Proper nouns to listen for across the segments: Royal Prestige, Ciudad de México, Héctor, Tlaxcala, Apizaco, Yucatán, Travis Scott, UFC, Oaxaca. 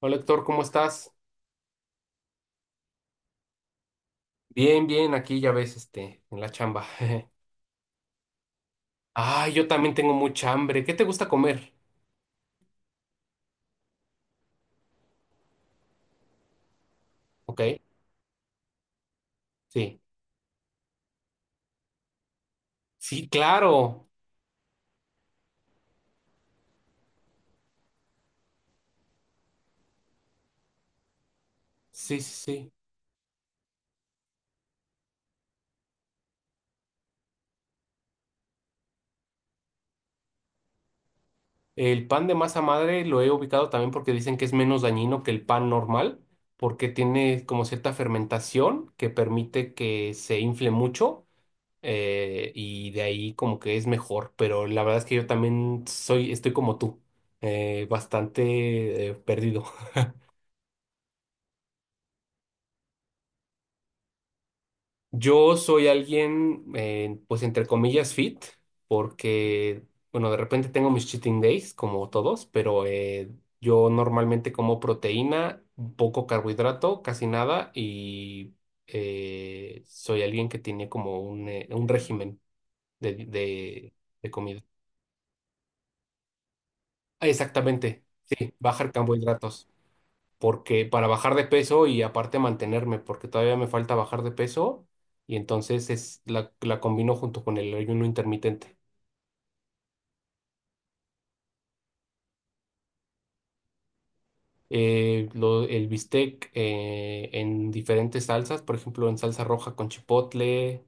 Hola Héctor, ¿cómo estás? Bien, bien, aquí ya ves, en la chamba. Ay, yo también tengo mucha hambre. ¿Qué te gusta comer? Ok, sí. Sí, claro. Sí, sí, sí. El pan de masa madre lo he ubicado también porque dicen que es menos dañino que el pan normal, porque tiene como cierta fermentación que permite que se infle mucho y de ahí como que es mejor. Pero la verdad es que yo también estoy como tú, bastante perdido. Yo soy alguien, pues entre comillas, fit, porque, bueno, de repente tengo mis cheating days, como todos, pero yo normalmente como proteína, poco carbohidrato, casi nada, y soy alguien que tiene como un régimen de, de, de comida. Ah, exactamente, sí, bajar carbohidratos. Porque para bajar de peso y aparte mantenerme, porque todavía me falta bajar de peso y entonces es la combino junto con el ayuno intermitente. El bistec en diferentes salsas, por ejemplo, en salsa roja con chipotle,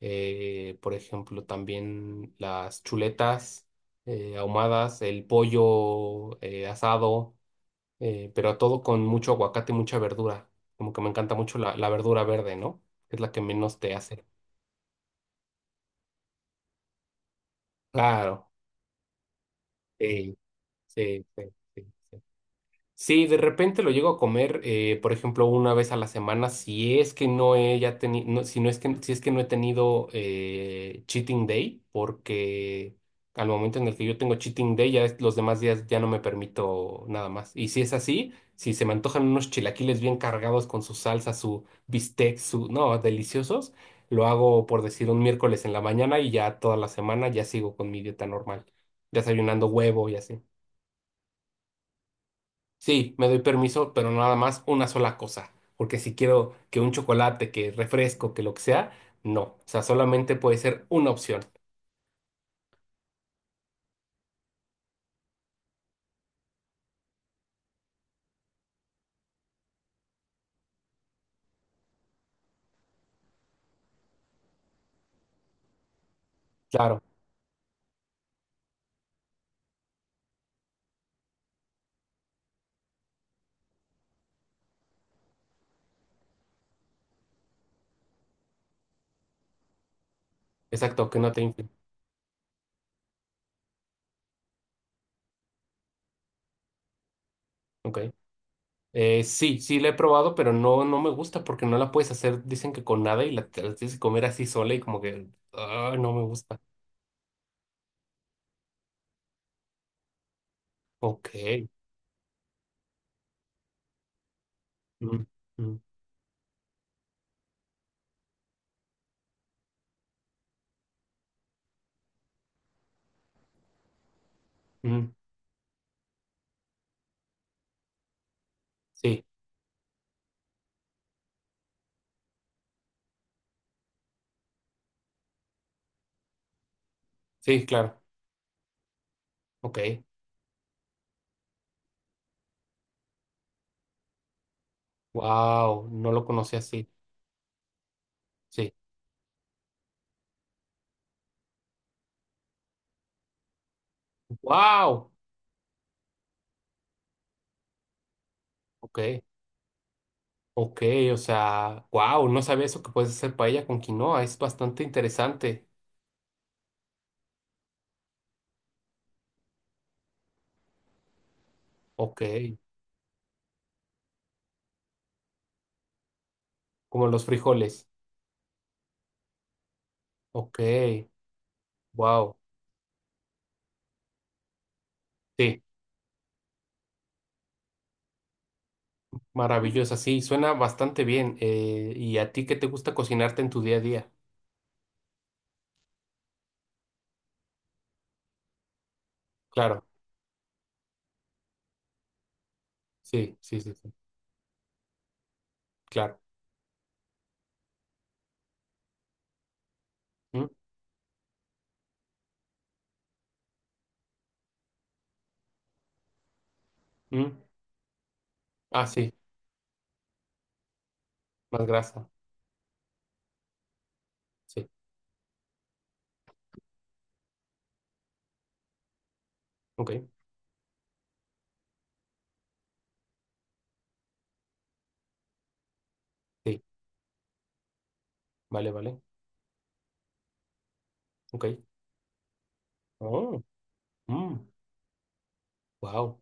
por ejemplo, también las chuletas ahumadas, el pollo asado, pero todo con mucho aguacate y mucha verdura. Como que me encanta mucho la verdura verde, ¿no? Que es la que menos te hace. Claro, sí, sí, sí, sí. Sí, de repente lo llego a comer, por ejemplo, una vez a la semana, si es que no he ya tenido, si no es que, si es que no he tenido cheating day, porque al momento en el que yo tengo cheating day, los demás días ya no me permito nada más. Y si es así, si se me antojan unos chilaquiles bien cargados con su salsa, su bistec, su, no, deliciosos, lo hago por decir un miércoles en la mañana y ya toda la semana ya sigo con mi dieta normal, desayunando huevo y así. Sí, me doy permiso, pero nada más una sola cosa. Porque si quiero que un chocolate, que refresco, que lo que sea, no. O sea, solamente puede ser una opción. Claro, exacto, que no te influye. Ok. Sí, sí la he probado, pero no, no me gusta porque no la puedes hacer, dicen que con nada y la, te la tienes que comer así sola y como que, ah, no me gusta. Ok. Mm, mm, mm. Sí, sí, claro. Ok. Wow, no lo conocí así. Sí. Wow. Ok. Ok, o sea, wow, no sabía eso que puedes hacer paella con quinoa, es bastante interesante. Ok, como los frijoles. Ok, wow, sí, maravilloso, sí, suena bastante bien. ¿Y a ti qué te gusta cocinarte en tu día a día? Claro, sí, sí, sí, sí, claro. Mm, mm, ah, sí, más grasa, sí, ok, sí, vale, vale, ok. Oh, wow,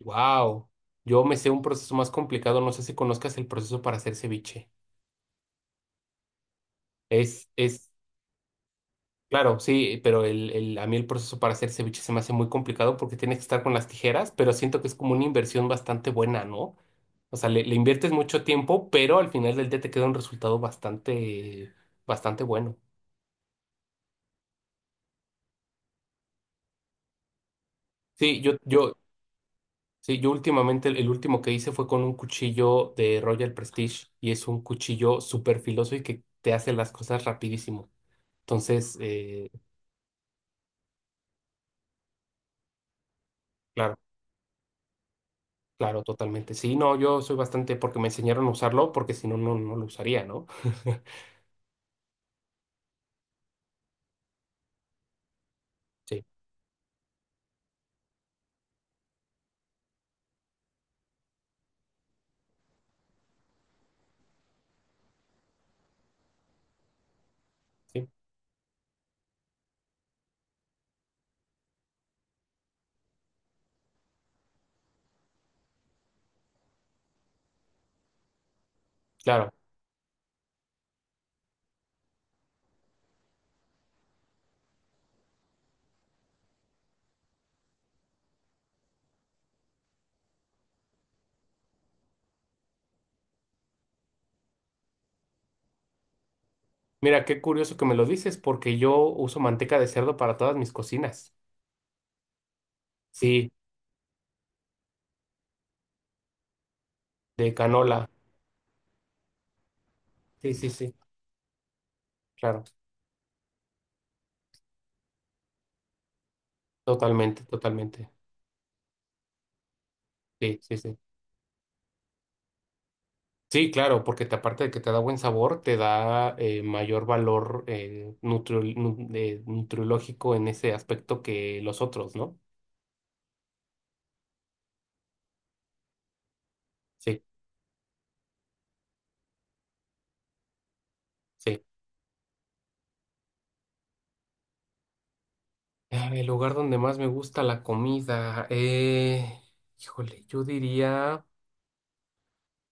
wow. Yo me sé un proceso más complicado, no sé si conozcas el proceso para hacer ceviche. Es, claro, sí, pero a mí el proceso para hacer ceviche se me hace muy complicado porque tienes que estar con las tijeras, pero siento que es como una inversión bastante buena, ¿no? O sea, le inviertes mucho tiempo, pero al final del día te queda un resultado bastante, bastante bueno. Sí, sí, yo últimamente el último que hice fue con un cuchillo de Royal Prestige y es un cuchillo súper filoso y que te hace las cosas rapidísimo. Entonces, claro. Claro, totalmente. Sí, no, yo soy bastante porque me enseñaron a usarlo, porque si no, no, no lo usaría, ¿no? Sí, sí, claro. Mira, qué curioso que me lo dices, porque yo uso manteca de cerdo para todas mis cocinas. Sí, de canola. Sí, sí, sí, claro. Totalmente, totalmente. Sí, sí, sí. Sí, claro, porque aparte de que te da buen sabor, te da mayor valor nutriológico en ese aspecto que los otros, ¿no? Sí. Sí. Ah, el lugar donde más me gusta la comida. Híjole, yo diría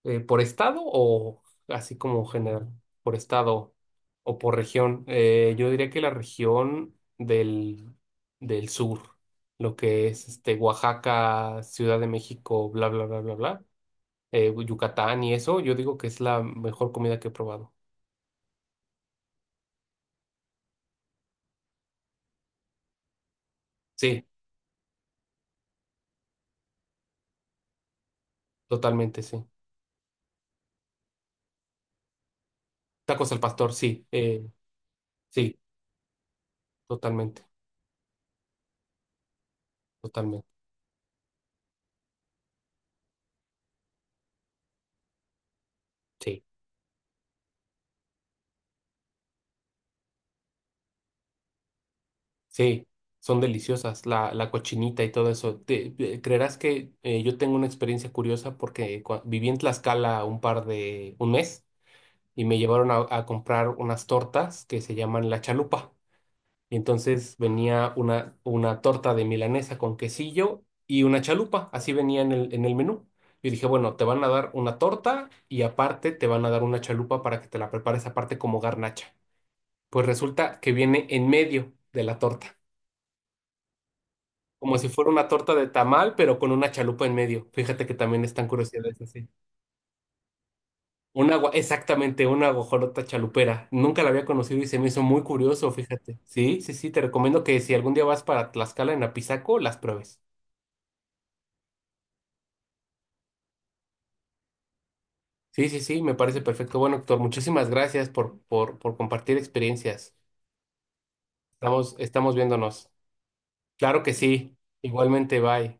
por estado o así como general, por estado o por región. Yo diría que la región del sur, lo que es Oaxaca, Ciudad de México, bla, bla, bla, bla, bla, Yucatán y eso, yo digo que es la mejor comida que he probado. Sí, totalmente, sí. Tacos al pastor, sí, sí, totalmente, totalmente. Sí. Sí, son deliciosas, la cochinita y todo eso. Creerás que yo tengo una experiencia curiosa porque viví en Tlaxcala un mes y me llevaron a comprar unas tortas que se llaman la chalupa. Y entonces venía una torta de milanesa con quesillo y una chalupa, así venía en en el menú. Yo dije, bueno, te van a dar una torta y aparte te van a dar una chalupa para que te la prepares aparte como garnacha. Pues resulta que viene en medio de la torta. Como si fuera una torta de tamal, pero con una chalupa en medio. Fíjate que también están curiosidades así. Una agua, exactamente, una guajolota chalupera. Nunca la había conocido y se me hizo muy curioso, fíjate. Sí, sí, sí, te recomiendo que si algún día vas para Tlaxcala en Apizaco, las pruebes. Sí, sí, sí, me parece perfecto. Bueno, Héctor, muchísimas gracias por compartir experiencias. Estamos, estamos viéndonos. Claro que sí. Igualmente, bye.